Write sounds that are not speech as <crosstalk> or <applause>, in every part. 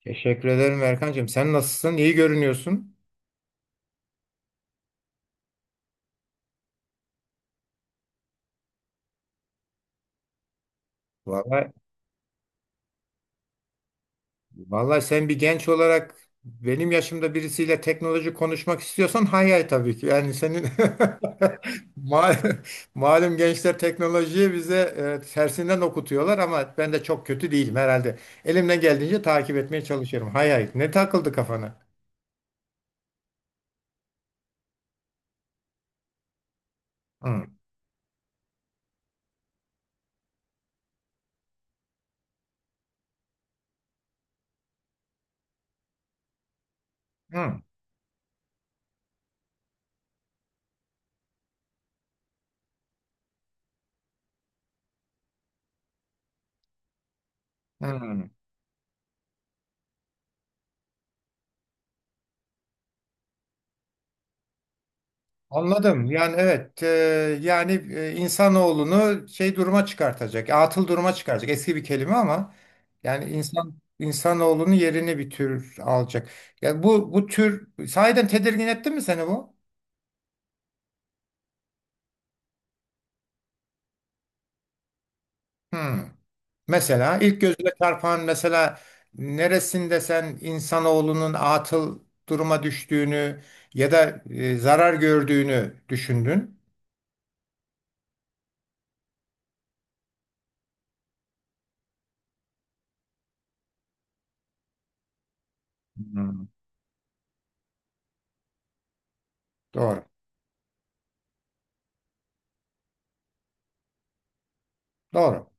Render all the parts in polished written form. Teşekkür ederim Erkancığım. Sen nasılsın? İyi görünüyorsun. Vallahi, vallahi, sen bir genç olarak benim yaşımda birisiyle teknoloji konuşmak istiyorsan hay hay tabii ki. Yani senin <laughs> mal, malum gençler teknolojiyi bize tersinden okutuyorlar ama ben de çok kötü değilim herhalde. Elimden geldiğince takip etmeye çalışıyorum. Hay hay. Ne takıldı kafana? Hı, hı, hı. Anladım. Yani evet, yani insanoğlunu şey duruma çıkartacak, atıl duruma çıkaracak. Eski bir kelime ama yani insan insanoğlunun yerini bir tür alacak. Yani bu tür sahiden tedirgin etti mi seni bu? Hmm. Mesela ilk gözüne çarpan mesela neresinde sen insanoğlunun atıl duruma düştüğünü ya da zarar gördüğünü düşündün? Hmm. Doğru. Doğru.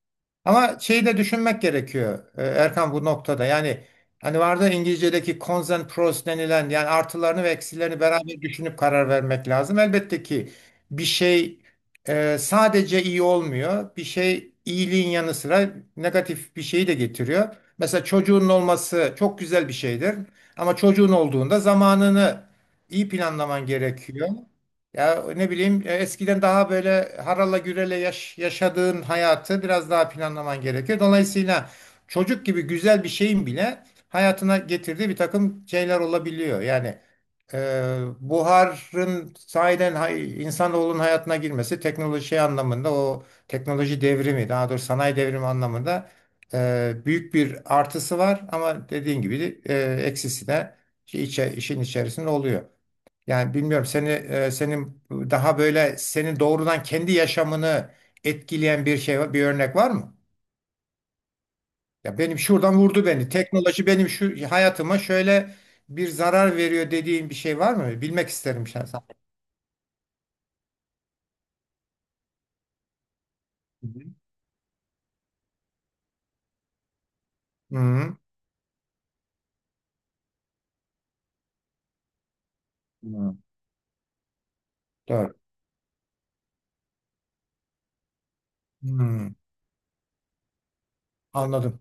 Ama şeyi de düşünmek gerekiyor Erkan bu noktada. Yani hani vardı ya İngilizce'deki cons and pros denilen yani artılarını ve eksilerini beraber düşünüp karar vermek lazım. Elbette ki bir şey sadece iyi olmuyor. Bir şey iyiliğin yanı sıra negatif bir şeyi de getiriyor. Mesela çocuğun olması çok güzel bir şeydir. Ama çocuğun olduğunda zamanını iyi planlaman gerekiyor. Ya ne bileyim eskiden daha böyle harala gürele yaşadığın hayatı biraz daha planlaman gerekiyor. Dolayısıyla çocuk gibi güzel bir şeyin bile hayatına getirdiği bir takım şeyler olabiliyor. Yani e, buharın sahiden hay, insanoğlunun hayatına girmesi teknoloji şey anlamında o teknoloji devrimi daha doğrusu sanayi devrimi anlamında büyük bir artısı var ama dediğin gibi de, eksisi de şey işin içerisinde oluyor. Yani bilmiyorum seni senin daha böyle senin doğrudan kendi yaşamını etkileyen bir şey bir örnek var mı? Ya benim şuradan vurdu beni. Teknoloji benim şu hayatıma şöyle bir zarar veriyor dediğin bir şey var mı? Bilmek isterim şahsen. Hı hı. Hı, hı. Doğru. Hı, anladım.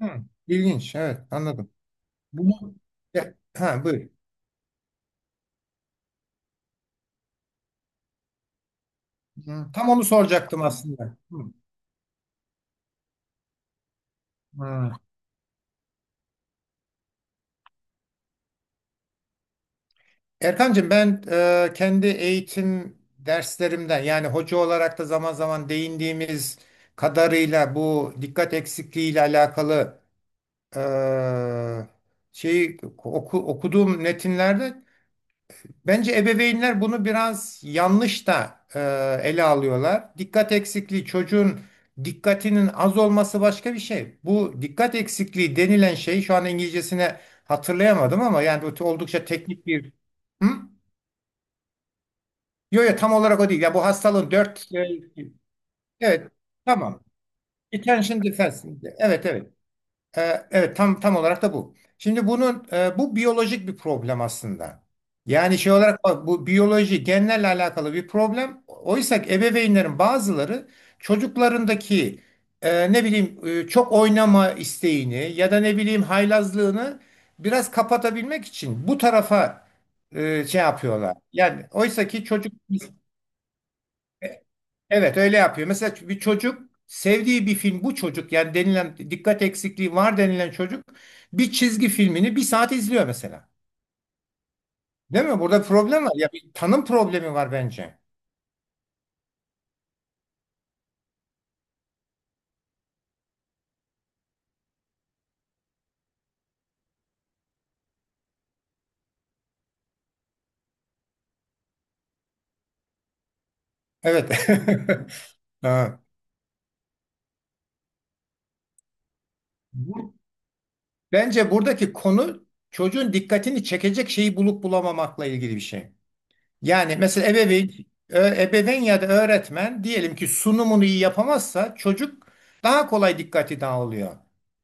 Hı, ilginç. Evet, anladım. Bunu Ya, ha, buyur. Hı, tam onu soracaktım aslında. Hı, hı. Erkancığım ben kendi eğitim derslerimden yani hoca olarak da zaman zaman değindiğimiz kadarıyla bu dikkat eksikliği ile alakalı e, şeyi okuduğum metinlerde bence ebeveynler bunu biraz yanlış da ele alıyorlar. Dikkat eksikliği çocuğun dikkatinin az olması başka bir şey. Bu dikkat eksikliği denilen şey şu an İngilizcesine hatırlayamadım ama yani oldukça teknik bir Hı? Yo yo tam olarak o değil. Ya bu hastalığın dört. Evet, tamam. Attention defense. Evet, evet. Evet tam tam olarak da bu. Şimdi bunun bu biyolojik bir problem aslında. Yani şey olarak bak, bu biyoloji genlerle alakalı bir problem. Oysa ki ebeveynlerin bazıları çocuklarındaki ne bileyim çok oynama isteğini ya da ne bileyim haylazlığını biraz kapatabilmek için bu tarafa şey yapıyorlar. Yani oysa ki çocuk Evet öyle yapıyor. Mesela bir çocuk sevdiği bir film bu çocuk yani denilen dikkat eksikliği var denilen çocuk bir çizgi filmini bir saat izliyor mesela. Değil mi? Burada problem var. Ya bir tanım problemi var bence. Evet. <laughs> Ha. Bu- Bence buradaki konu çocuğun dikkatini çekecek şeyi bulup bulamamakla ilgili bir şey. Yani mesela ebeveyn ya da öğretmen diyelim ki sunumunu iyi yapamazsa çocuk daha kolay dikkati dağılıyor.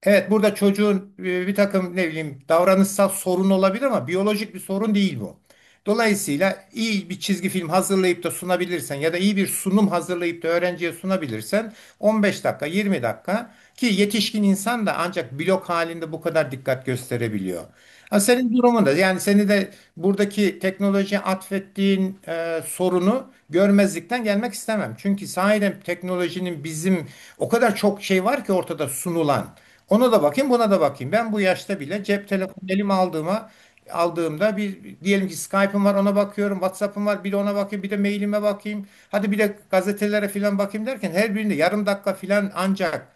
Evet burada çocuğun bir takım ne bileyim davranışsal sorun olabilir ama biyolojik bir sorun değil bu. Dolayısıyla iyi bir çizgi film hazırlayıp da sunabilirsen ya da iyi bir sunum hazırlayıp da öğrenciye sunabilirsen 15 dakika 20 dakika ki yetişkin insan da ancak blok halinde bu kadar dikkat gösterebiliyor. Ha, senin durumunda yani seni de buradaki teknolojiye atfettiğin sorunu görmezlikten gelmek istemem. Çünkü sahiden teknolojinin bizim o kadar çok şey var ki ortada sunulan. Ona da bakayım, buna da bakayım. Ben bu yaşta bile cep telefonu elime aldığımda bir diyelim ki Skype'ım var ona bakıyorum, WhatsApp'ım var bir de ona bakayım, bir de mailime bakayım. Hadi bir de gazetelere filan bakayım derken her birinde yarım dakika filan ancak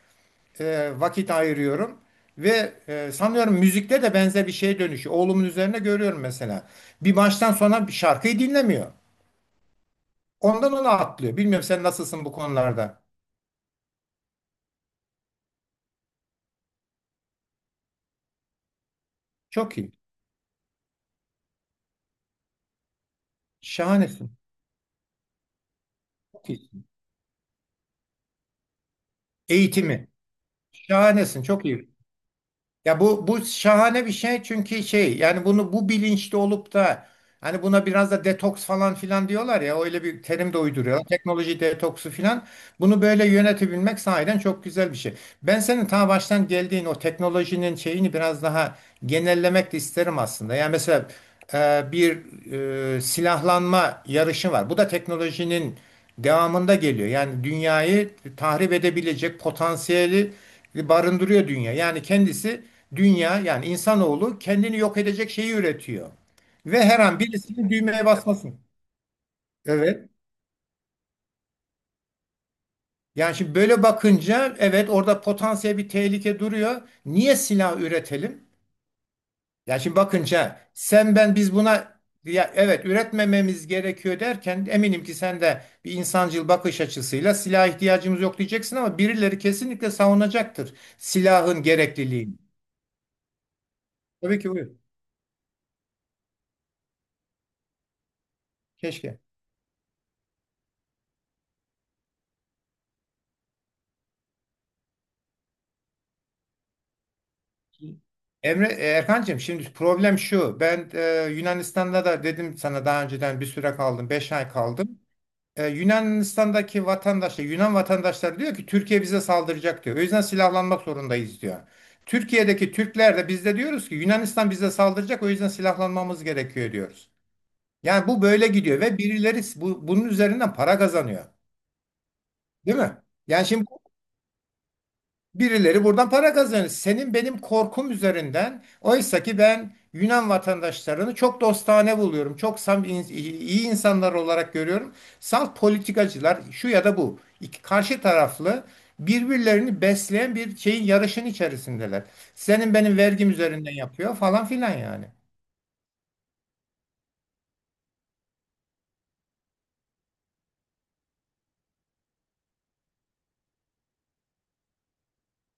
vakit ayırıyorum. Ve sanıyorum müzikte de benzer bir şeye dönüşüyor. Oğlumun üzerine görüyorum mesela. Bir baştan sona bir şarkıyı dinlemiyor. Ondan ona atlıyor. Bilmiyorum sen nasılsın bu konularda. Çok iyi. Şahanesin. Çok iyi. Eğitimi. Şahanesin. Çok iyi. Ya bu şahane bir şey çünkü şey yani bunu bu bilinçli olup da hani buna biraz da detoks falan filan diyorlar ya öyle bir terim de uyduruyor. Teknoloji detoksu filan. Bunu böyle yönetebilmek sahiden çok güzel bir şey. Ben senin ta baştan geldiğin o teknolojinin şeyini biraz daha genellemek de isterim aslında. Yani mesela bir silahlanma yarışı var. Bu da teknolojinin devamında geliyor. Yani dünyayı tahrip edebilecek potansiyeli barındırıyor dünya. Yani kendisi Dünya yani insanoğlu kendini yok edecek şeyi üretiyor. Ve her an birisinin düğmeye basmasın. Evet. Yani şimdi böyle bakınca evet orada potansiyel bir tehlike duruyor. Niye silah üretelim? Yani şimdi bakınca sen ben biz buna ya evet üretmememiz gerekiyor derken eminim ki sen de bir insancıl bakış açısıyla silah ihtiyacımız yok diyeceksin ama birileri kesinlikle savunacaktır silahın gerekliliğini. Tabii ki buyur. Keşke. Erkancığım şimdi problem şu. Ben Yunanistan'da da dedim sana daha önceden bir süre kaldım. 5 ay kaldım. Yunanistan'daki vatandaşlar, Yunan vatandaşları diyor ki Türkiye bize saldıracak diyor. O yüzden silahlanmak zorundayız diyor. Türkiye'deki Türkler de biz de diyoruz ki Yunanistan bize saldıracak o yüzden silahlanmamız gerekiyor diyoruz. Yani bu böyle gidiyor ve birileri bunun üzerinden para kazanıyor. Değil mi? Yani şimdi Birileri buradan para kazanır. Senin benim korkum üzerinden. Oysa ki ben Yunan vatandaşlarını çok dostane buluyorum. Çok iyi insanlar olarak görüyorum. Salt politikacılar şu ya da bu. İki karşı taraflı birbirlerini besleyen bir şeyin yarışın içerisindeler. Senin benim vergim üzerinden yapıyor falan filan yani.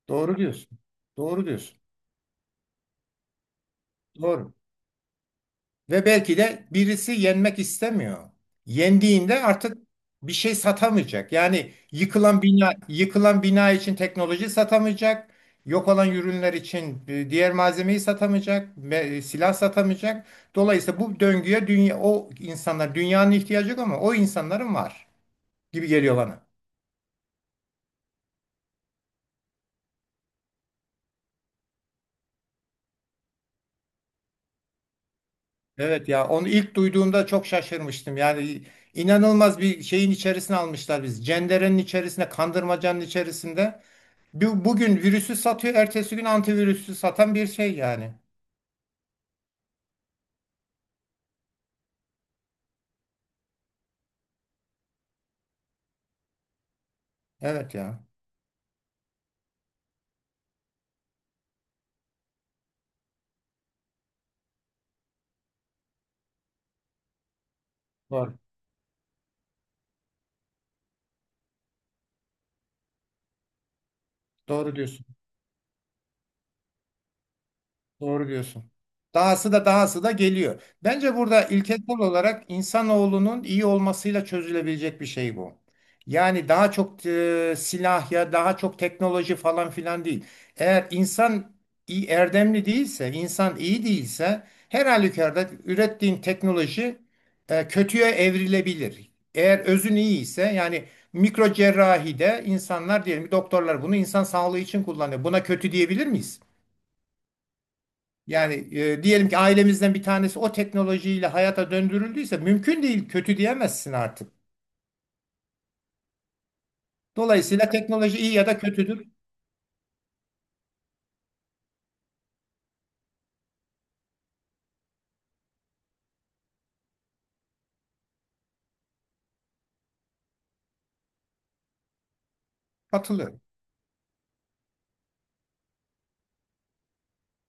Doğru diyorsun. Doğru diyorsun. Doğru. Ve belki de birisi yenmek istemiyor. Yendiğinde artık bir şey satamayacak. Yani yıkılan bina, yıkılan bina için teknoloji satamayacak. Yok olan ürünler için diğer malzemeyi satamayacak, silah satamayacak. Dolayısıyla bu döngüye dünya o insanlar dünyanın ihtiyacı yok ama o insanların var gibi geliyor bana. Evet ya onu ilk duyduğumda çok şaşırmıştım. Yani inanılmaz bir şeyin içerisine almışlar biz. Cenderenin içerisinde, kandırmacanın içerisinde. Bugün virüsü satıyor, ertesi gün antivirüsü satan bir şey yani. Evet ya. Doğru. Doğru diyorsun. Doğru diyorsun. Dahası da geliyor. Bence burada ilkesel olarak insanoğlunun iyi olmasıyla çözülebilecek bir şey bu. Yani daha çok silah ya daha çok teknoloji falan filan değil. Eğer insan iyi, erdemli değilse, insan iyi değilse her halükarda ürettiğin teknoloji kötüye evrilebilir. Eğer özün iyi ise yani mikro cerrahide insanlar diyelim ki doktorlar bunu insan sağlığı için kullanıyor. Buna kötü diyebilir miyiz? Yani diyelim ki ailemizden bir tanesi o teknolojiyle hayata döndürüldüyse mümkün değil kötü diyemezsin artık. Dolayısıyla teknoloji iyi ya da kötüdür katılıyorum.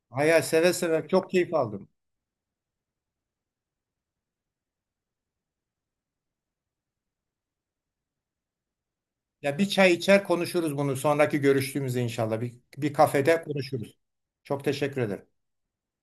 Hayal seve seve çok keyif aldım. Ya bir çay içer konuşuruz bunu sonraki görüştüğümüzde inşallah bir kafede konuşuruz. Çok teşekkür ederim.